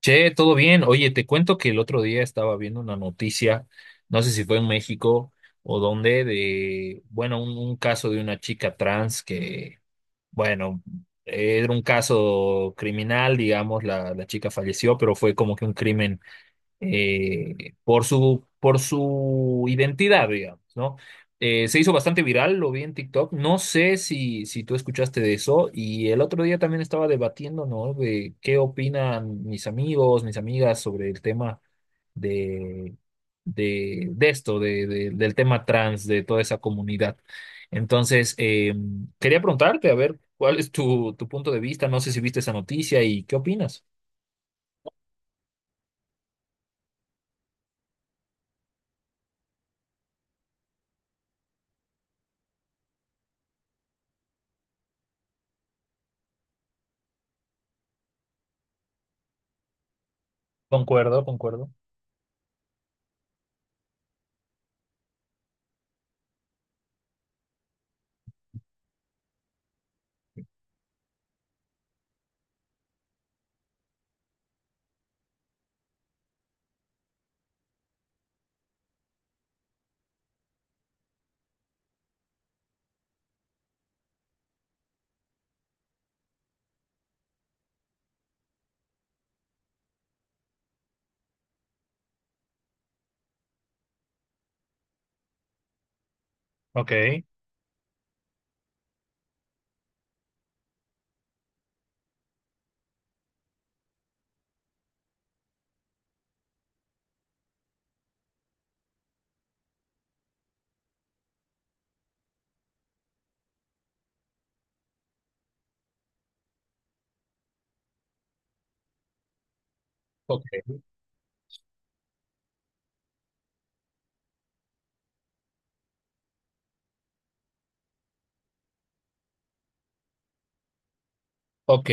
Che, todo bien. Oye, te cuento que el otro día estaba viendo una noticia, no sé si fue en México o dónde, de, bueno, un caso de una chica trans que, bueno, era un caso criminal, digamos, la chica falleció, pero fue como que un crimen por su identidad, digamos, ¿no? Se hizo bastante viral, lo vi en TikTok. No sé si tú escuchaste de eso. Y el otro día también estaba debatiendo, ¿no? De qué opinan mis amigos, mis amigas sobre el tema de, de esto, del tema trans, de toda esa comunidad. Entonces, quería preguntarte, a ver, ¿cuál es tu punto de vista? No sé si viste esa noticia y qué opinas. Concuerdo, concuerdo. Ok. Ok. Ok,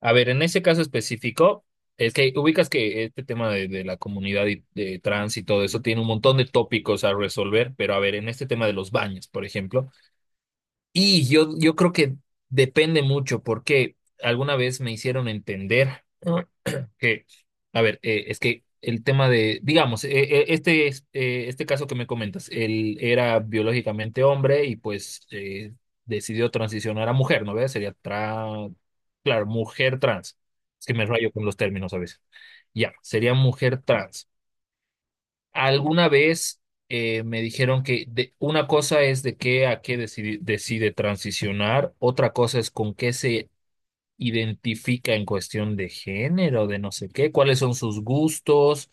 a ver, en ese caso específico, es que ubicas que este tema de la comunidad y de trans y todo eso tiene un montón de tópicos a resolver, pero a ver, en este tema de los baños, por ejemplo, y yo creo que depende mucho porque alguna vez me hicieron entender que, a ver, es que el tema de, digamos, este caso que me comentas, él era biológicamente hombre y pues decidió transicionar a mujer, ¿no ves? Sería tra Claro, mujer trans. Es que me rayo con los términos a veces. Ya, sería mujer trans. Alguna vez me dijeron que una cosa es de qué a qué decide transicionar, otra cosa es con qué se identifica en cuestión de género, de no sé qué, cuáles son sus gustos,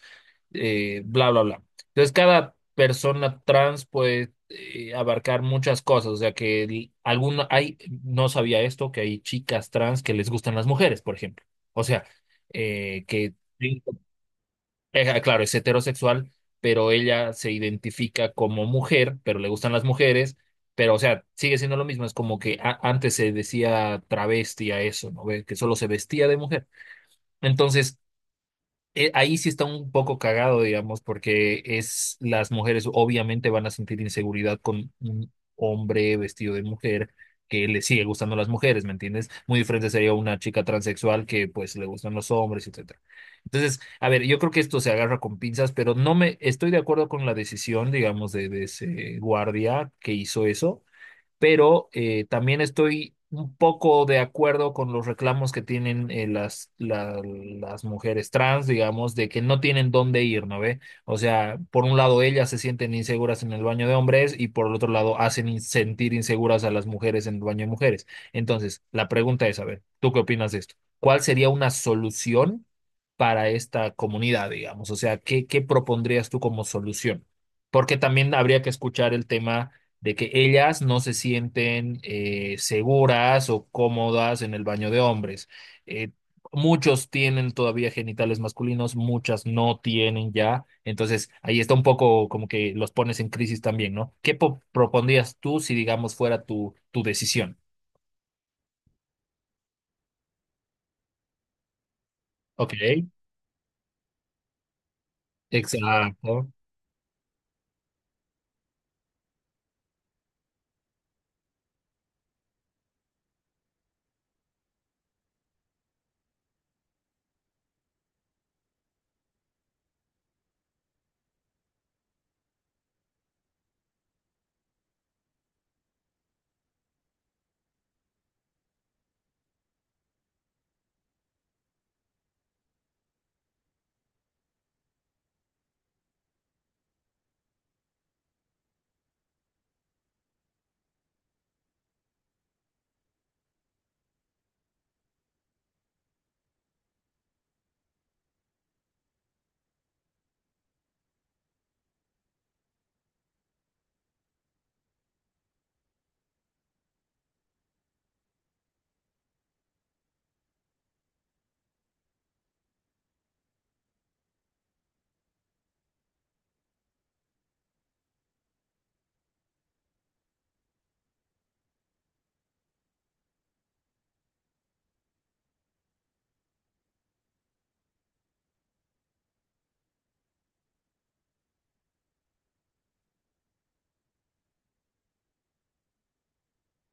bla, bla, bla. Entonces, cada persona trans puede abarcar muchas cosas, o sea que hay, no sabía esto, que hay chicas trans que les gustan las mujeres, por ejemplo. O sea, que claro, es heterosexual, pero ella se identifica como mujer, pero le gustan las mujeres, pero o sea, sigue siendo lo mismo, es como que antes se decía travesti a eso, ¿no? Ve, que solo se vestía de mujer. Entonces, ahí sí está un poco cagado, digamos, porque es las mujeres obviamente van a sentir inseguridad con un hombre vestido de mujer que le sigue gustando las mujeres, ¿me entiendes? Muy diferente sería una chica transexual que pues le gustan los hombres, etcétera. Entonces, a ver, yo creo que esto se agarra con pinzas, pero no me estoy de acuerdo con la decisión, digamos, de ese guardia que hizo eso pero también estoy un poco de acuerdo con los reclamos que tienen las mujeres trans, digamos, de que no tienen dónde ir, ¿no ve? O sea, por un lado ellas se sienten inseguras en el baño de hombres y por el otro lado hacen sentir inseguras a las mujeres en el baño de mujeres. Entonces, la pregunta es, a ver, ¿tú qué opinas de esto? ¿Cuál sería una solución para esta comunidad, digamos? O sea, ¿qué propondrías tú como solución? Porque también habría que escuchar el tema de que ellas no se sienten seguras o cómodas en el baño de hombres. Eh, muchos tienen todavía genitales masculinos, muchas no tienen ya. Entonces, ahí está un poco como que los pones en crisis también, ¿no? ¿Qué propondrías tú si, digamos, fuera tu decisión? Ok, exacto.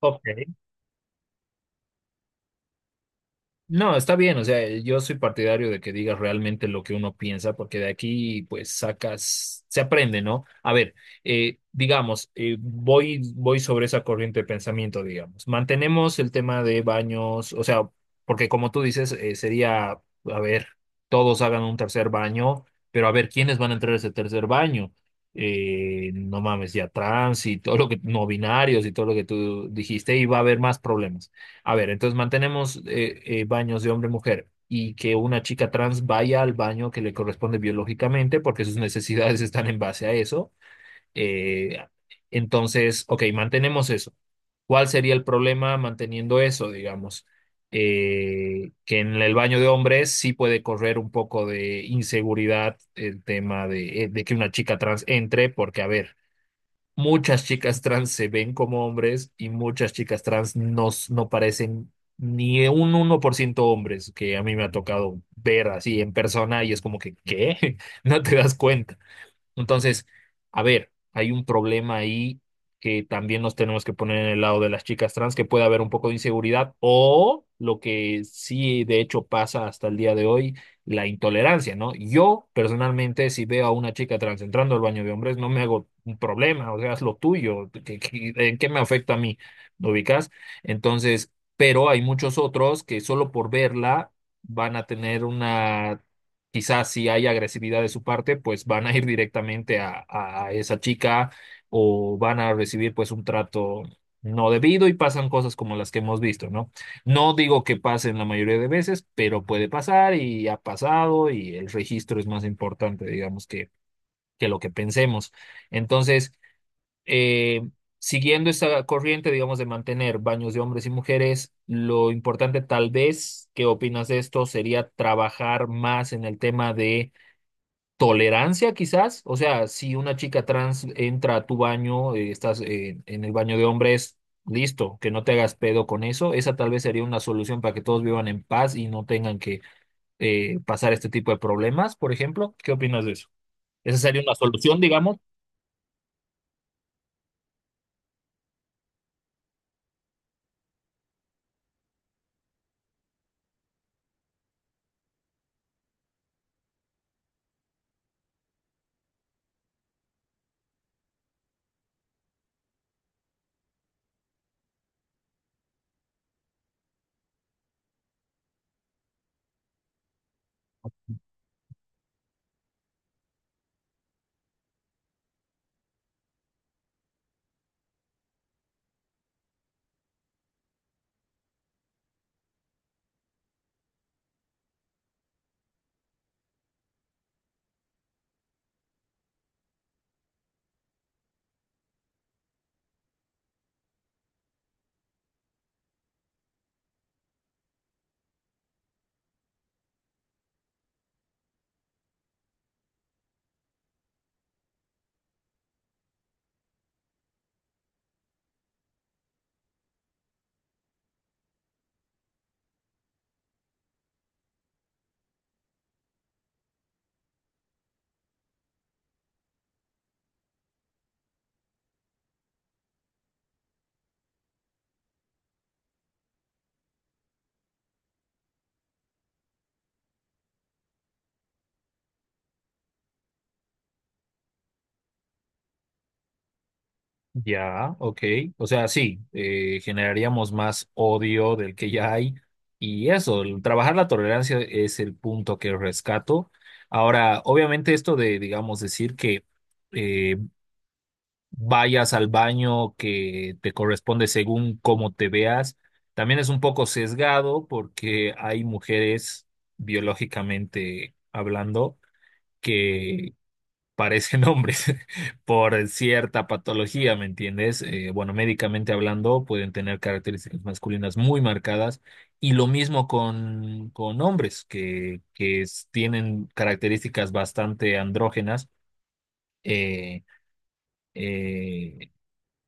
Ok, no, está bien, o sea, yo soy partidario de que digas realmente lo que uno piensa, porque de aquí pues sacas, se aprende, ¿no? A ver, digamos, voy sobre esa corriente de pensamiento, digamos. Mantenemos el tema de baños, o sea, porque como tú dices, sería, a ver, todos hagan un tercer baño, pero a ver, ¿quiénes van a entrar a ese tercer baño? No mames, ya trans y todo lo que, no binarios y todo lo que tú dijiste, y va a haber más problemas. A ver, entonces mantenemos baños de hombre-mujer y que una chica trans vaya al baño que le corresponde biológicamente porque sus necesidades están en base a eso. Eh, entonces, ok, mantenemos eso. ¿Cuál sería el problema manteniendo eso, digamos? Que en el baño de hombres sí puede correr un poco de inseguridad el tema de que una chica trans entre, porque, a ver, muchas chicas trans se ven como hombres y muchas chicas trans no, no parecen ni un 1% hombres, que a mí me ha tocado ver así en persona y es como que, ¿qué? No te das cuenta. Entonces, a ver, hay un problema ahí que también nos tenemos que poner en el lado de las chicas trans, que puede haber un poco de inseguridad o lo que sí de hecho pasa hasta el día de hoy, la intolerancia, ¿no? Yo personalmente, si veo a una chica trans entrando al baño de hombres, no me hago un problema, o sea, es lo tuyo, ¿en qué me afecta a mí? ¿Lo ubicas? Entonces, pero hay muchos otros que solo por verla van a tener una quizás si hay agresividad de su parte, pues van a ir directamente a esa chica o van a recibir pues un trato no debido y pasan cosas como las que hemos visto, ¿no? No digo que pasen la mayoría de veces, pero puede pasar y ha pasado y el registro es más importante, digamos, que lo que pensemos. Entonces, eh, siguiendo esa corriente, digamos, de mantener baños de hombres y mujeres, lo importante tal vez, ¿qué opinas de esto? Sería trabajar más en el tema de tolerancia quizás, o sea, si una chica trans entra a tu baño, estás en el baño de hombres, listo, que no te hagas pedo con eso, esa tal vez sería una solución para que todos vivan en paz y no tengan que pasar este tipo de problemas, por ejemplo, ¿qué opinas de eso? Esa sería una solución, digamos. Ya, ok. O sea, sí, generaríamos más odio del que ya hay. Y eso, el trabajar la tolerancia es el punto que rescato. Ahora, obviamente esto de, digamos, decir que eh, vayas al baño que te corresponde según cómo te veas. También es un poco sesgado porque hay mujeres, biológicamente hablando, que parecen hombres por cierta patología, ¿me entiendes? Bueno, médicamente hablando, pueden tener características masculinas muy marcadas. Y lo mismo con hombres tienen características bastante andrógenas. eh, eh,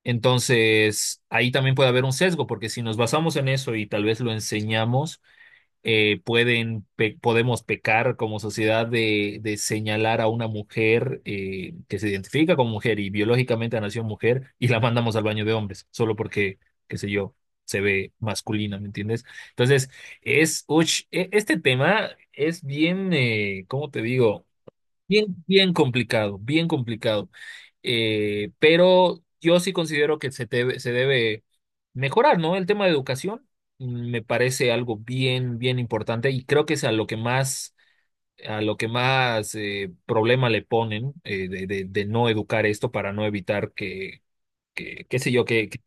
entonces, ahí también puede haber un sesgo, porque si nos basamos en eso y tal vez lo enseñamos, podemos pecar como sociedad de señalar a una mujer que se identifica como mujer y biológicamente nació mujer y la mandamos al baño de hombres, solo porque, qué sé yo, se ve masculina, ¿me entiendes? Entonces, este tema es bien, ¿cómo te digo? Bien, bien complicado, bien complicado. Pero yo sí considero que se debe mejorar, ¿no? El tema de educación me parece algo bien, bien importante y creo que es a lo que más, problema le ponen de no educar esto para no evitar que, qué sé yo, que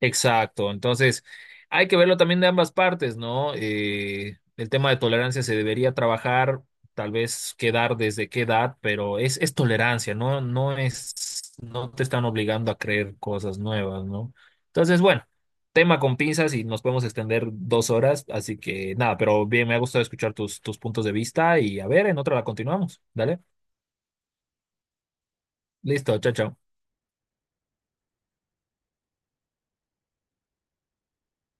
Exacto, entonces hay que verlo también de ambas partes, ¿no? El tema de tolerancia se debería trabajar, tal vez quedar desde qué edad, pero es tolerancia, ¿no? No te están obligando a creer cosas nuevas, ¿no? Entonces, bueno, tema con pinzas y nos podemos extender 2 horas, así que nada, pero bien, me ha gustado escuchar tus puntos de vista y a ver, en otra la continuamos, ¿dale? Listo, chao, chao.